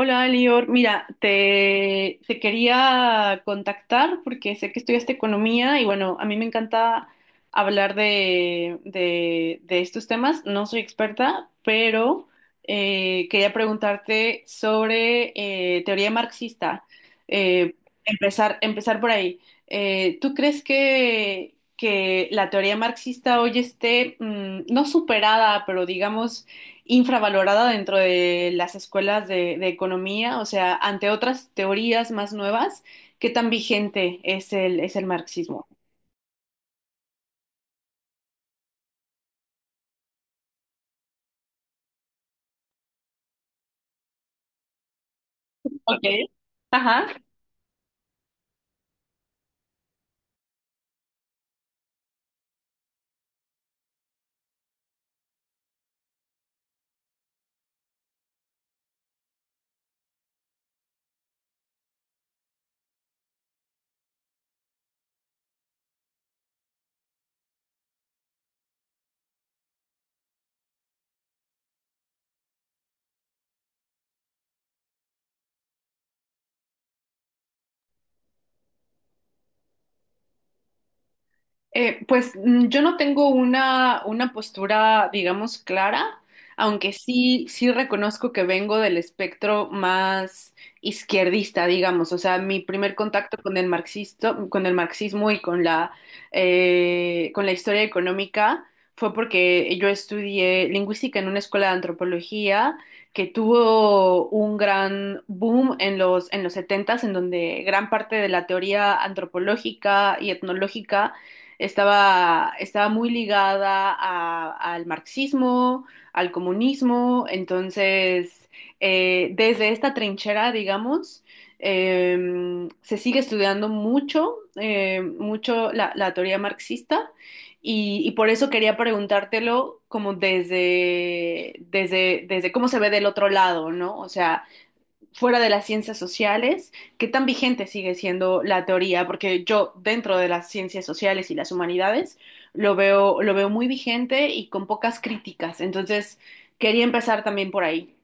Hola, Lior. Mira, te quería contactar porque sé que estudiaste economía y bueno, a mí me encanta hablar de estos temas. No soy experta, pero quería preguntarte sobre teoría marxista. Eh, empezar por ahí. ¿Tú crees que la teoría marxista hoy esté, no superada, pero digamos infravalorada dentro de las escuelas de economía, o sea, ante otras teorías más nuevas, ¿qué tan vigente es es el marxismo? Ok. Ajá. Yo no tengo una postura, digamos, clara, aunque sí, sí reconozco que vengo del espectro más izquierdista, digamos. O sea, mi primer contacto con el marxisto, con el marxismo y con con la historia económica fue porque yo estudié lingüística en una escuela de antropología que tuvo un gran boom en en los setentas en donde gran parte de la teoría antropológica y etnológica estaba muy ligada al marxismo, al comunismo, entonces desde esta trinchera, digamos, se sigue estudiando mucho, mucho la teoría marxista y por eso quería preguntártelo como desde cómo se ve del otro lado, ¿no? O sea, fuera de las ciencias sociales, ¿qué tan vigente sigue siendo la teoría? Porque yo dentro de las ciencias sociales y las humanidades lo veo muy vigente y con pocas críticas. Entonces, quería empezar también por ahí.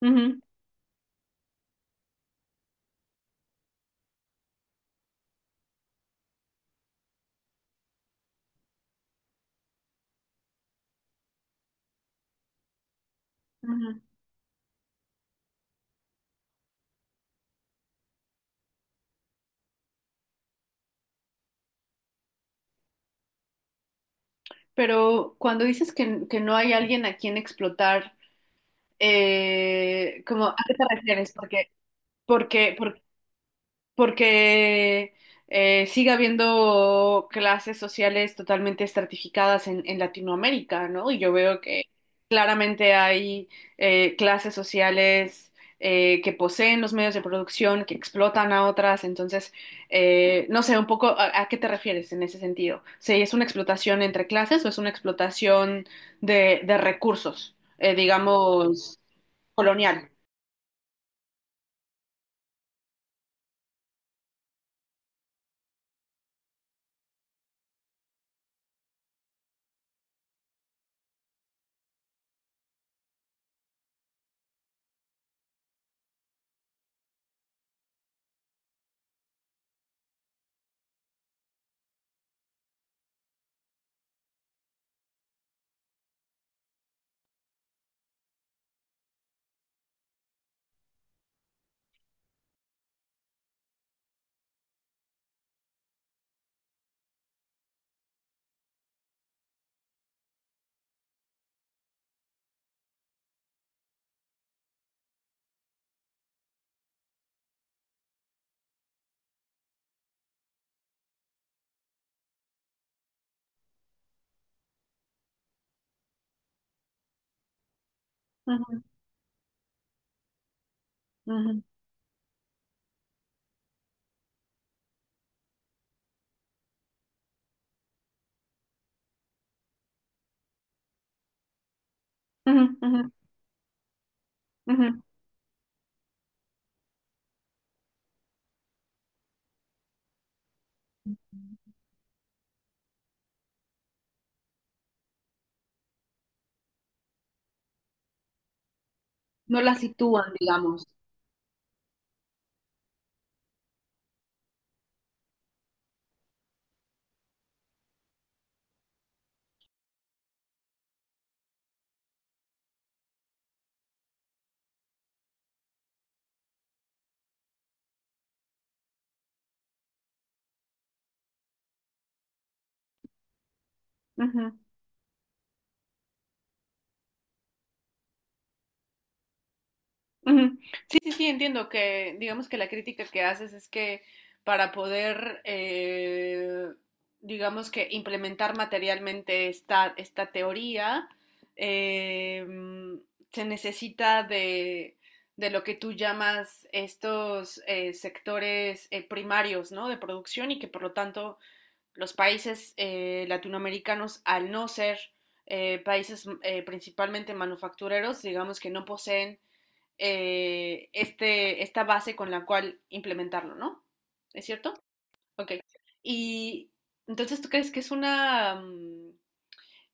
Ujú, ujú. Pero cuando dices que no hay alguien a quien explotar, ¿a qué te refieres? Porque, porque sigue habiendo clases sociales totalmente estratificadas en Latinoamérica, ¿no? Y yo veo que claramente hay clases sociales que poseen los medios de producción, que explotan a otras, entonces, no sé, un poco a qué te refieres en ese sentido. ¿Si es una explotación entre clases o es una explotación de recursos, digamos, colonial? Ujú, ujú, ujú, ujú, ujú. No la sitúan, digamos. Ujú, ujú. Sí, sí, sí, entiendo que, digamos que la crítica que haces es que para poder, digamos que implementar materialmente esta teoría, eh, mm, se necesita de lo que tú llamas estos sectores primarios, ¿no? De producción y que por lo tanto los países latinoamericanos, al no ser países mm, principalmente manufactureros, digamos que no poseen esta base con la cual implementarlo, ¿no? ¿Es cierto? Ok. Y entonces, ¿tú crees que es una um,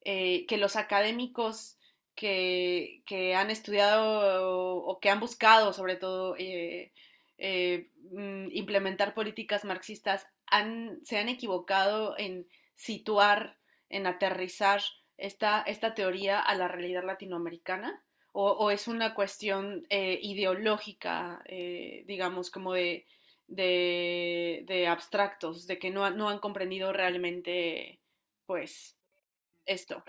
eh, que los académicos que han estudiado que han buscado, sobre todo, implementar políticas marxistas, se han equivocado en situar, en aterrizar esta teoría a la realidad latinoamericana? O es una cuestión ideológica, digamos, como de, abstractos, de que no han comprendido realmente, pues, esto?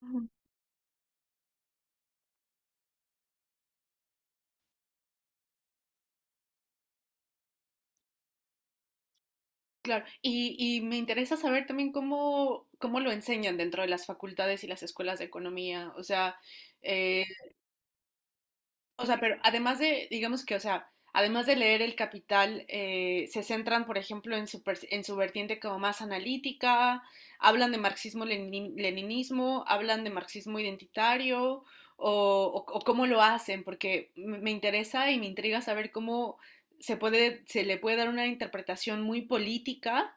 Ujú. Claro, y me interesa saber también cómo lo enseñan dentro de las facultades y las escuelas de economía. Eh, o sea, pero además de, digamos que, o sea, además de leer El Capital, se centran, por ejemplo, en su, en su vertiente como más analítica, hablan de marxismo-leninismo, hablan de marxismo identitario, o cómo lo hacen, porque me interesa y me intriga saber cómo se puede, se le puede dar una interpretación muy política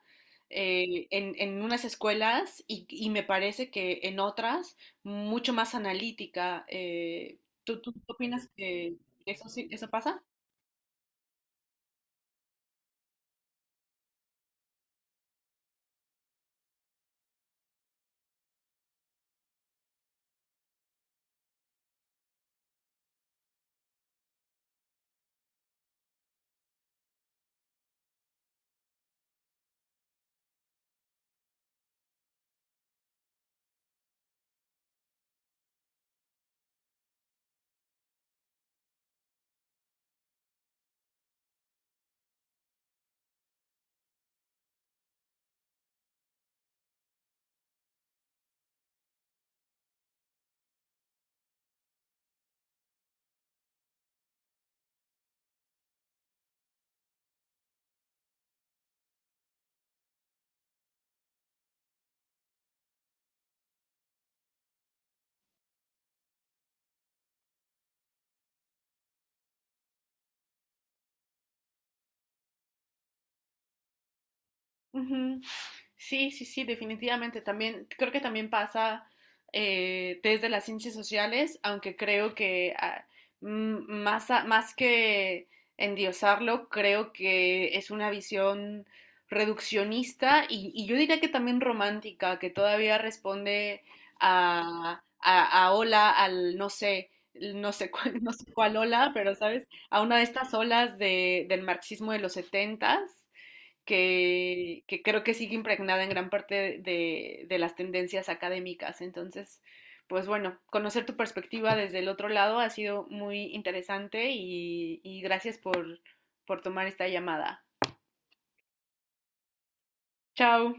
en unas escuelas y me parece que en otras mucho más analítica. ¿Tú opinas que eso sí, ¿eso pasa? Ujú. Sí, sí, sí, definitivamente. También creo que también pasa desde las ciencias sociales, aunque creo que más que endiosarlo, creo que es una visión reduccionista y yo diría que también romántica, que todavía responde a ola, al no sé, no sé cuál, no sé cuál ola, pero sabes, a una de estas olas del marxismo de los setentas que creo que sigue impregnada en gran parte de las tendencias académicas. Entonces, pues bueno, conocer tu perspectiva desde el otro lado ha sido muy interesante y gracias por tomar esta llamada. Chao.